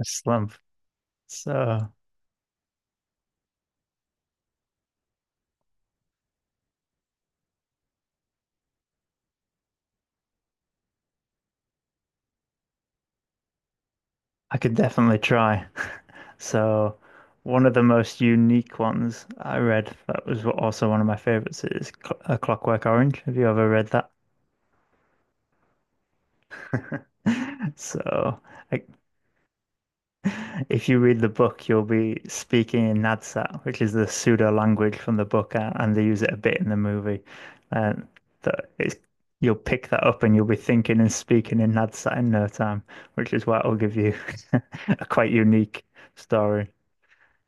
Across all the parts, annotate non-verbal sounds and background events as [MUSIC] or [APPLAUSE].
A slump. So I could definitely try. So one of the most unique ones I read that was also one of my favorites is A Clockwork Orange. Have you ever read that? [LAUGHS] So I, If you read the book, you'll be speaking in Nadsat, which is the pseudo language from the book, and they use it a bit in the movie. And that it's, you'll pick that up and you'll be thinking and speaking in Nadsat in no time, which is why it'll give you [LAUGHS] a quite unique story,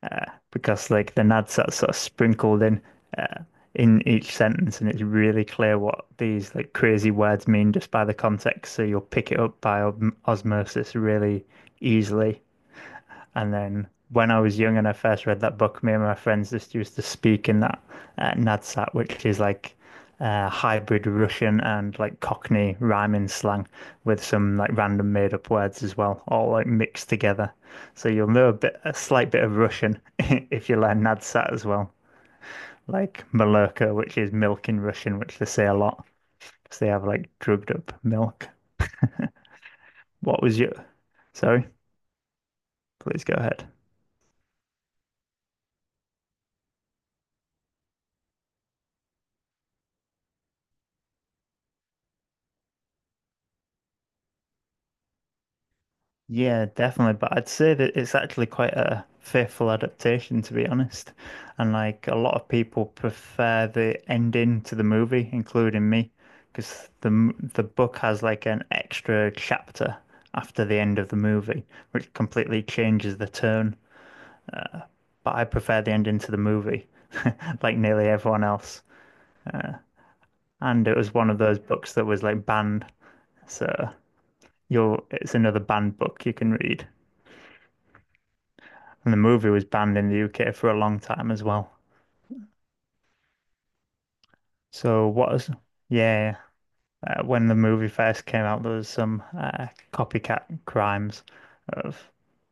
uh, because like the Nadsat's sort of sprinkled uh, in each sentence, and it's really clear what these like crazy words mean just by the context. So you'll pick it up by osmosis really easily. And then when I was young and I first read that book, me and my friends just used to speak in that Nadsat, which is like hybrid Russian and like Cockney rhyming slang with some like random made up words as well, all like mixed together. So you'll know a slight bit of Russian [LAUGHS] if you learn Nadsat as well, like Malurka, which is milk in Russian, which they say a lot because they have like drugged up milk. What was your? Sorry, please go ahead. Yeah, definitely. But I'd say that it's actually quite a faithful adaptation, to be honest. And like a lot of people prefer the ending to the movie, including me, because the book has like an extra chapter after the end of the movie, which completely changes the tone. Uh, but I prefer the ending to the movie, [LAUGHS] like nearly everyone else. And it was one of those books that was like banned, so you'll it's another banned book you can read. And the movie was banned in the UK for a long time as well. So what is, yeah, when the movie first came out, there was some copycat crimes of,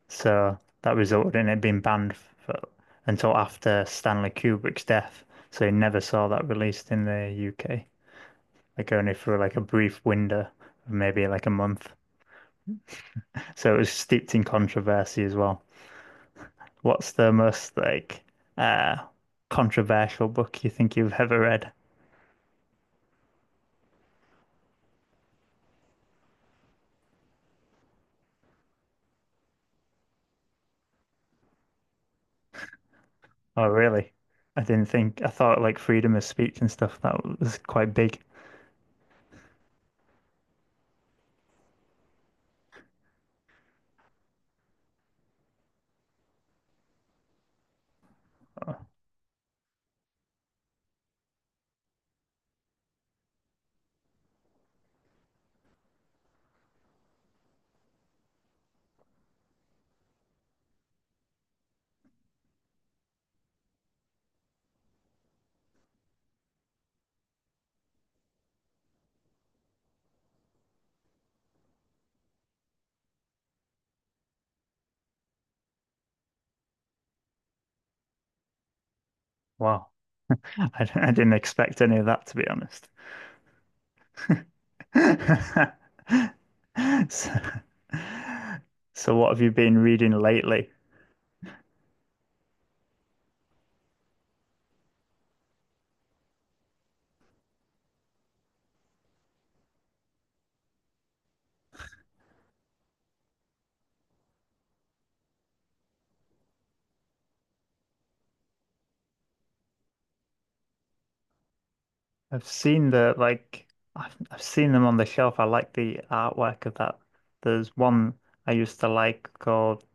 so that resulted in it being banned for, until after Stanley Kubrick's death. So you never saw that released in the UK, like only for like a brief window, of maybe like a month. So it was steeped in controversy as well. What's the most like uh controversial book you think you've ever read? Oh, really? I didn't think, I thought like freedom of speech and stuff, that was quite big. Oh, wow. I didn't expect any of that, to be honest. [LAUGHS] So, so what have you been reading lately? I've seen I've seen them on the shelf. I like the artwork of that. There's one I used to like called,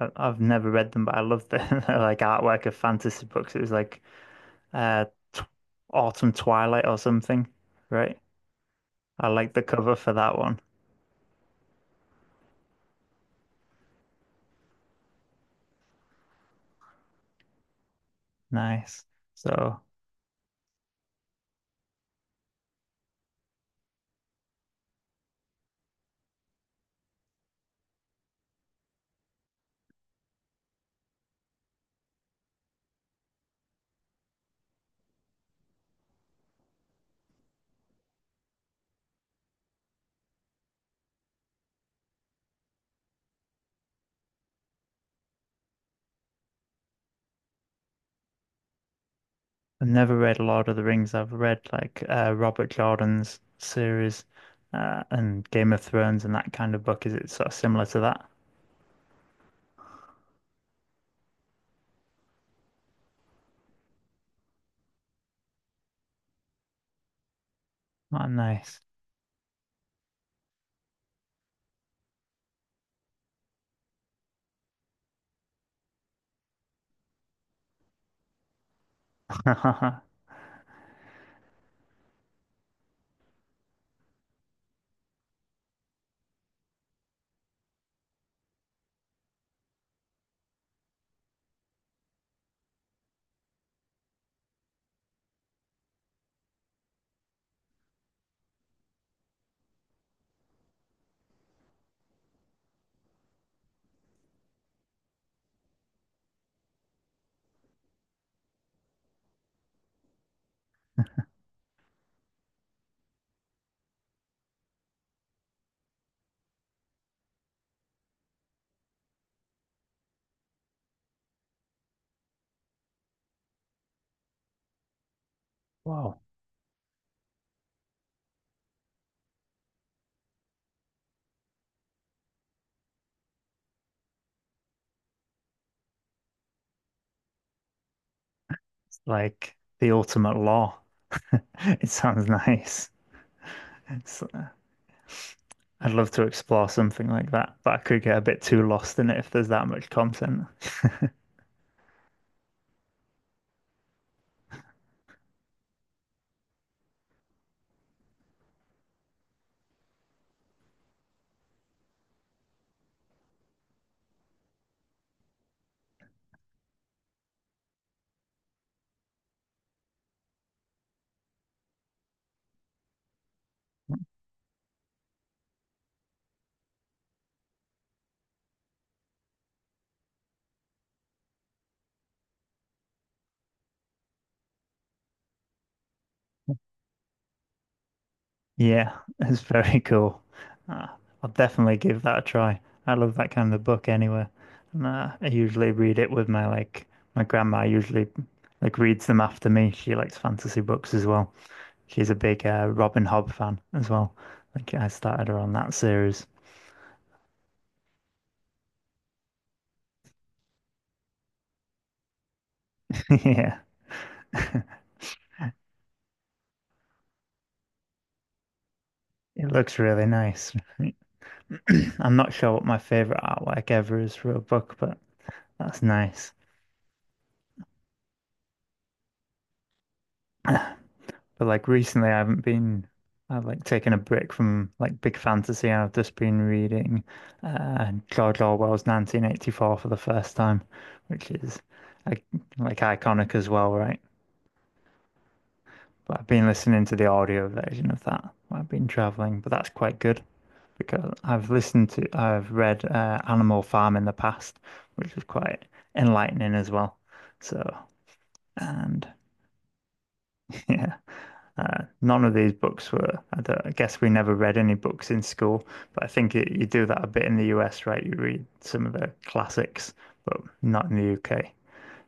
I've never read them, but I love the [LAUGHS] like artwork of fantasy books. It was like, uh t Autumn Twilight or something, right? I like the cover for that one. Nice. So I've never read Lord of the Rings. I've read like Robert Jordan's series and Game of Thrones and that kind of book. Is it sort of similar to that? Oh, nice. [LAUGHS] Wow. It's like the ultimate law. [LAUGHS] It sounds nice. It's, uh, I'd love to explore something like that, but I could get a bit too lost in it if there's that much content. Yeah, [LAUGHS] it's very cool. Uh, I'll definitely give that a try. I love that kind of book anyway. And I usually read it with my grandma usually like reads them after me. She likes fantasy books as well. She's a big Robin Hobb fan as well. Like I started her on that series. [LAUGHS] Yeah. [LAUGHS] It looks really nice. [CLEARS THROAT] I'm not sure what my favorite artwork ever is for a book, but that's nice. [CLEARS THROAT] [SIGHS] But like recently, I haven't been. I've like taken a break from like big fantasy, and I've just been reading George Orwell's 1984 for the first time, which is like, like iconic as well, right? But I've been listening to the audio version of that while I've been traveling, but that's quite good because I've listened to, I've read Animal Farm in the past, which was quite enlightening as well. So, and [LAUGHS] yeah. None of these books were, I guess we never read any books in school, but I think it, you do that a bit in the US, right? You read some of the classics, but not in the UK.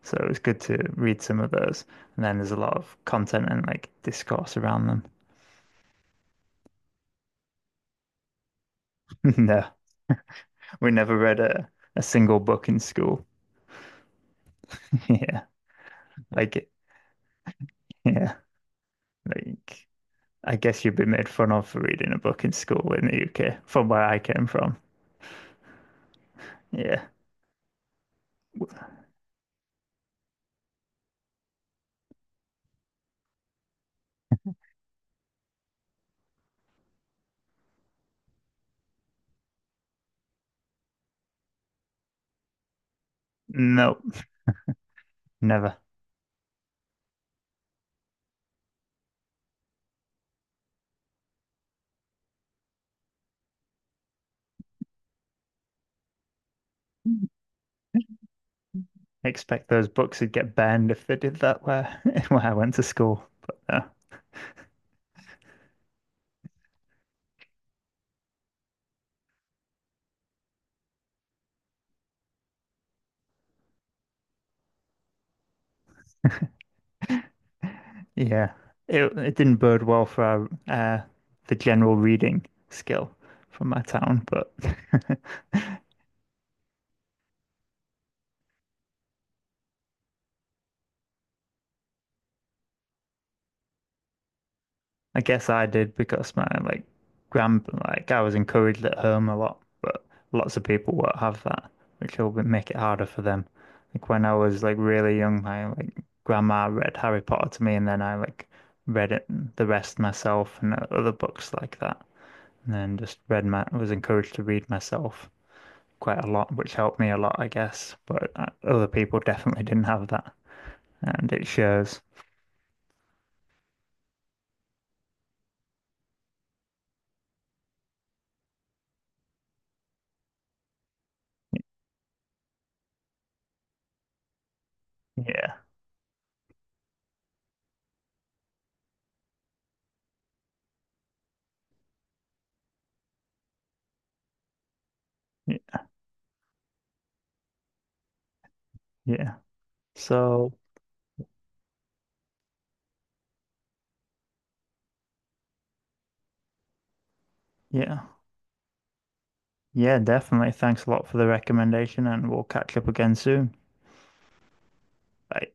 So it was good to read some of those. And then there's a lot of content and like discourse around them. [LAUGHS] No, we never read a single book in school. [LAUGHS] Yeah. Like, yeah. Like, I guess you'd be made fun of for reading a book in school in the UK, from where I came from. Yeah. Nope. Never. Expect those books would get banned if they did that where [LAUGHS] where I went to school. But uh, [LAUGHS] yeah, it didn't bode well for our, the general reading skill from my town, but [LAUGHS] I guess I did because my like grand like I was encouraged at home a lot, but lots of people won't have that, which will make it harder for them. Like when I was like really young, my like grandma read Harry Potter to me, and then I like read it the rest myself and other books like that, and then just read my was encouraged to read myself quite a lot, which helped me a lot, I guess. But other people definitely didn't have that, and it shows. Yeah, yeah, yeah. So. Yeah. Yeah, definitely. Thanks a lot for the recommendation, and we'll catch up again soon. Bye.